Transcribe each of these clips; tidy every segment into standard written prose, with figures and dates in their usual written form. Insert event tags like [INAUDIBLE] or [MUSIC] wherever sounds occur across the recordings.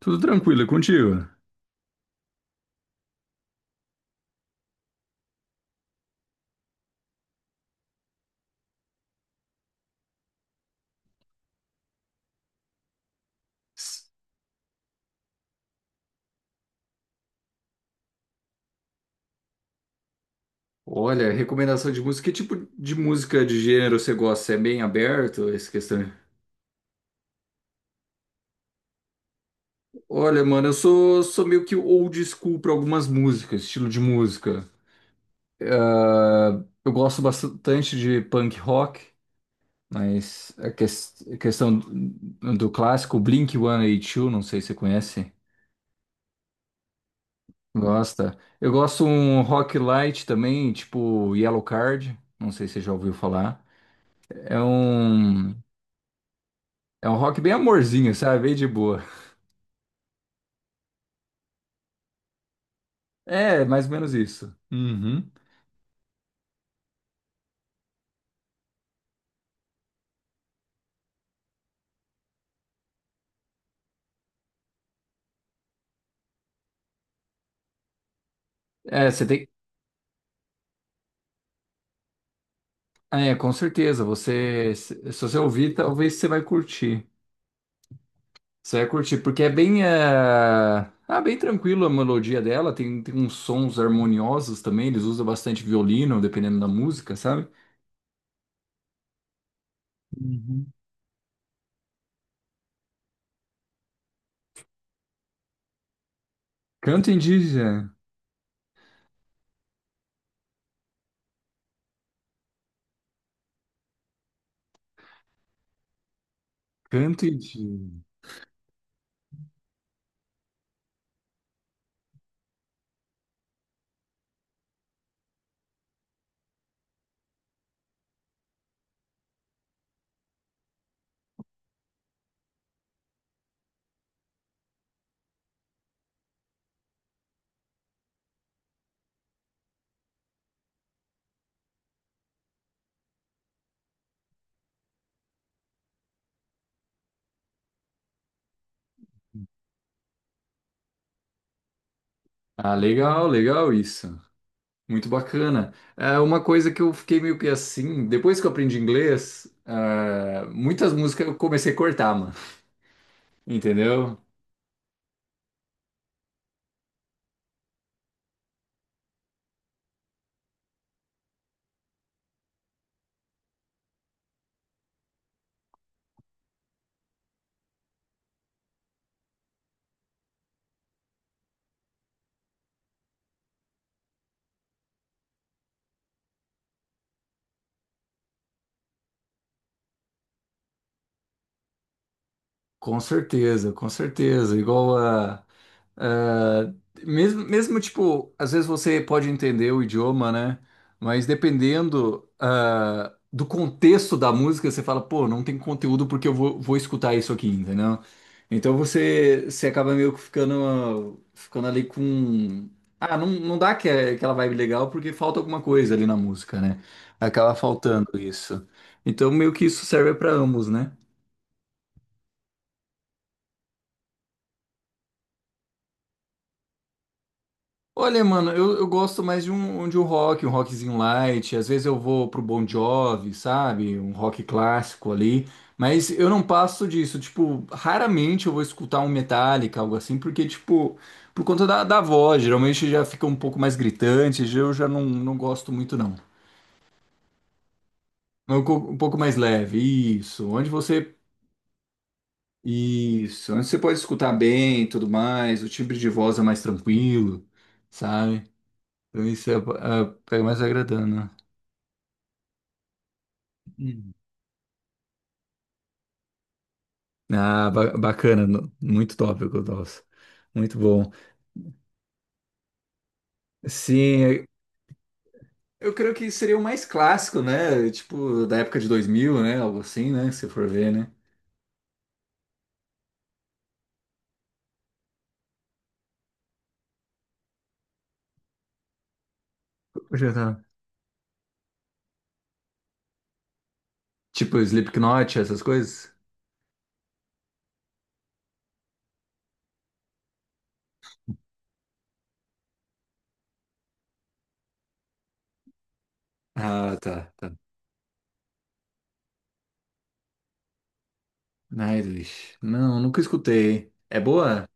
Tudo tranquilo, é contigo? Olha, recomendação de música. Que tipo de música de gênero você gosta? É bem aberto essa questão? Olha, mano, eu sou meio que old school para algumas músicas, estilo de música. Ah, eu gosto bastante de punk rock, mas a questão do clássico Blink-182, não sei se você conhece. Gosta? Eu gosto um rock light também, tipo Yellow Card, não sei se você já ouviu falar. É um. É um rock bem amorzinho, sabe? Bem de boa. É, mais ou menos isso. Uhum. É, você tem. É, com certeza. Você, se você ouvir, talvez você vai curtir. Você vai curtir, porque é bem, bem tranquilo a melodia dela. Tem uns sons harmoniosos também. Eles usam bastante violino, dependendo da música, sabe? Uhum. Canto indígena. Canto indígena. Ah, legal, legal isso. Muito bacana. É uma coisa que eu fiquei meio que assim, depois que eu aprendi inglês, muitas músicas eu comecei a cortar, mano. Entendeu? Com certeza, com certeza. Igual a. a- Mesmo, mesmo, tipo, às vezes você pode entender o idioma, né? Mas dependendo, do contexto da música, você fala, pô, não tem conteúdo porque eu vou escutar isso aqui, entendeu? Então você acaba meio que ficando ali com. Ah, não, não dá que, aquela vibe legal porque falta alguma coisa ali na música, né? Acaba faltando isso. Então meio que isso serve para ambos, né? Olha, mano, eu gosto mais de um rock, um rockzinho light. Às vezes eu vou pro Bon Jovi, sabe? Um rock clássico ali. Mas eu não passo disso. Tipo, raramente eu vou escutar um Metallica, algo assim, porque, tipo, por conta da voz, geralmente já fica um pouco mais gritante. Eu já não, não gosto muito, não. É um, um pouco mais leve. Isso. Onde você. Isso. Onde você pode escutar bem e tudo mais. O timbre de voz é mais tranquilo, sabe? Então isso é mais agradando. Uhum. Ah, bacana, muito tópico, nossa. Muito bom. Sim, eu creio que seria o mais clássico, né? Tipo, da época de 2000, né? Algo assim, né? Se for ver, né? Já tá. Tipo, Slipknot, essas coisas? Ah, tá, tá. Nightwish. Não, nunca escutei. É boa?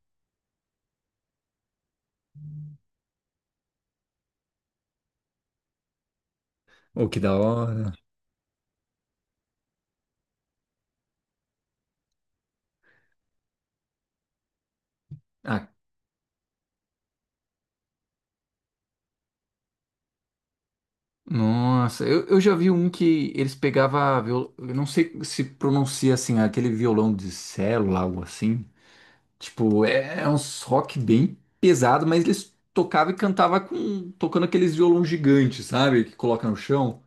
Oh, que da hora. Ah, nossa, eu já vi um que eles pegavam, viol... eu não sei se pronuncia assim, aquele violão de célula, algo assim. Tipo, é uns rock bem pesado, mas eles tocavam e cantavam com, tocando aqueles violão gigantes, sabe? Que coloca no chão.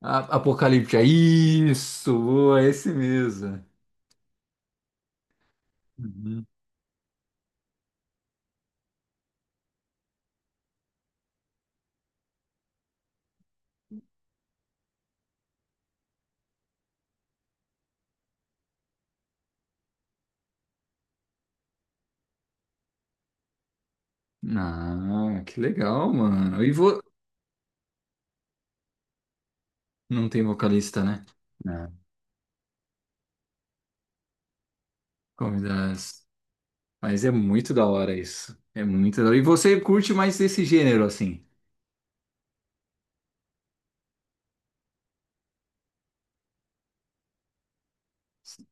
A, Apocalipse, é isso, boa, é esse mesmo. Uhum. Ah, que legal, mano. E vou... Não tem vocalista, né? É. Comidas. Mas é muito da hora isso. É muito da hora. E você curte mais desse gênero, assim? Você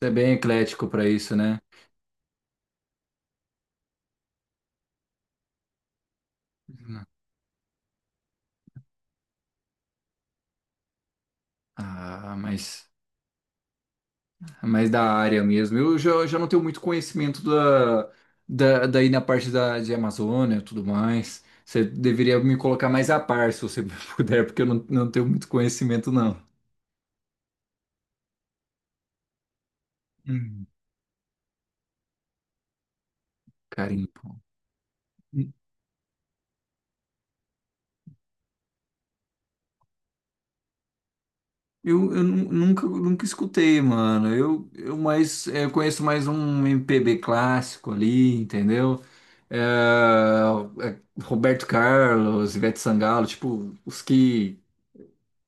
é bem eclético pra isso, né? Ah, mas. Mais da área mesmo. Eu já não tenho muito conhecimento da, daí na parte da, de Amazônia e tudo mais. Você deveria me colocar mais a par, se você [LAUGHS] puder, porque eu não, não tenho muito conhecimento, não. Hum, Garimpo. Nunca, nunca escutei, mano. Eu mais eu conheço mais um MPB clássico ali, entendeu? É, é, Roberto Carlos, Ivete Sangalo, tipo,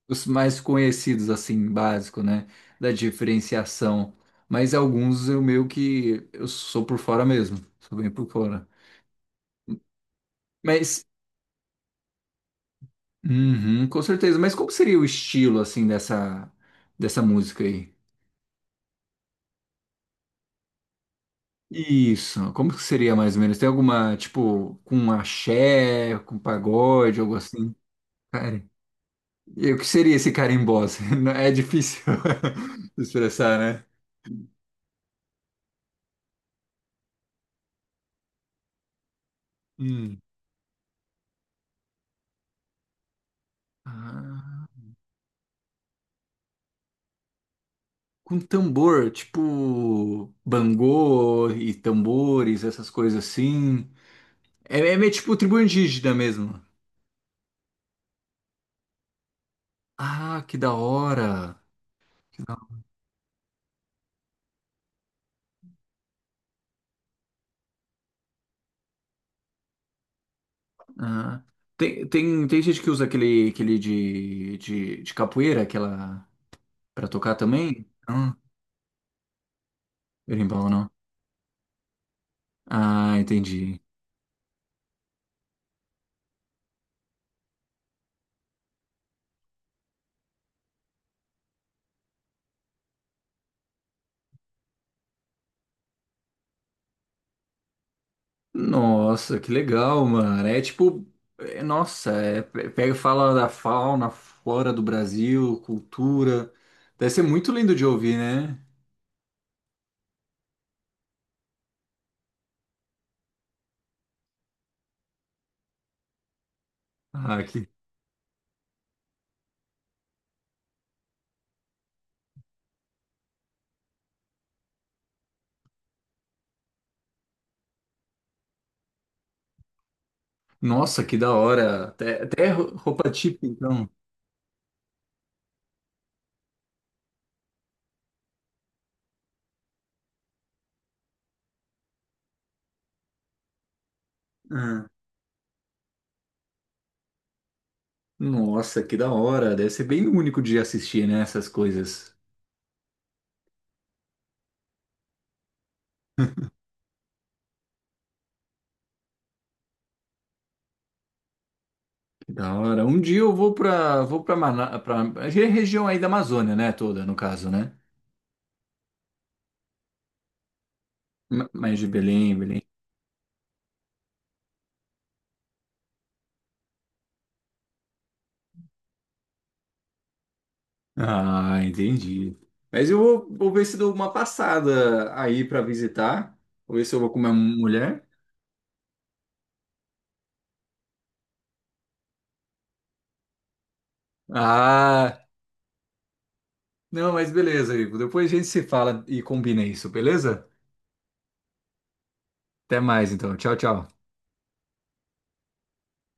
os mais conhecidos, assim, básico, né? Da diferenciação. Mas alguns eu meio que eu sou por fora mesmo. Sou bem por fora. Mas, uhum, com certeza. Mas como seria o estilo, assim, dessa, dessa música aí? Isso, como que seria mais ou menos? Tem alguma, tipo, com um axé, com pagode, algo assim? Cara, e o que seria esse carimbó? [LAUGHS] Não- É difícil [LAUGHS] expressar, né? Hum. Ah. Com tambor, tipo bangô e tambores, essas coisas assim. É, é meio tipo tribo indígena mesmo. Ah, que da hora. Que da- Ah. Tem gente que usa aquele, aquele de capoeira, aquela pra tocar também? Não, berimbau não. Ah, entendi. Nossa, que legal, mano. É tipo, é, nossa, é, pega e fala da fauna, flora do Brasil, cultura. Deve ser muito lindo de ouvir, né? Ah, que... Nossa, que da hora. Até, até roupa típica, então. Ah, nossa, que da hora. Deve ser bem único de assistir, né, essas coisas. Que da hora. Um dia eu vou pra, Mana... pra... a região aí da Amazônia, né, toda, no caso, né? Mais de Belém, Belém. Ah, entendi. Mas eu vou, vou ver se dou uma passada aí pra visitar. Vou ver se eu vou com minha mulher. Ah, não, mas beleza, Ivo. Depois a gente se fala e combina isso, beleza? Até mais, então. Tchau, tchau.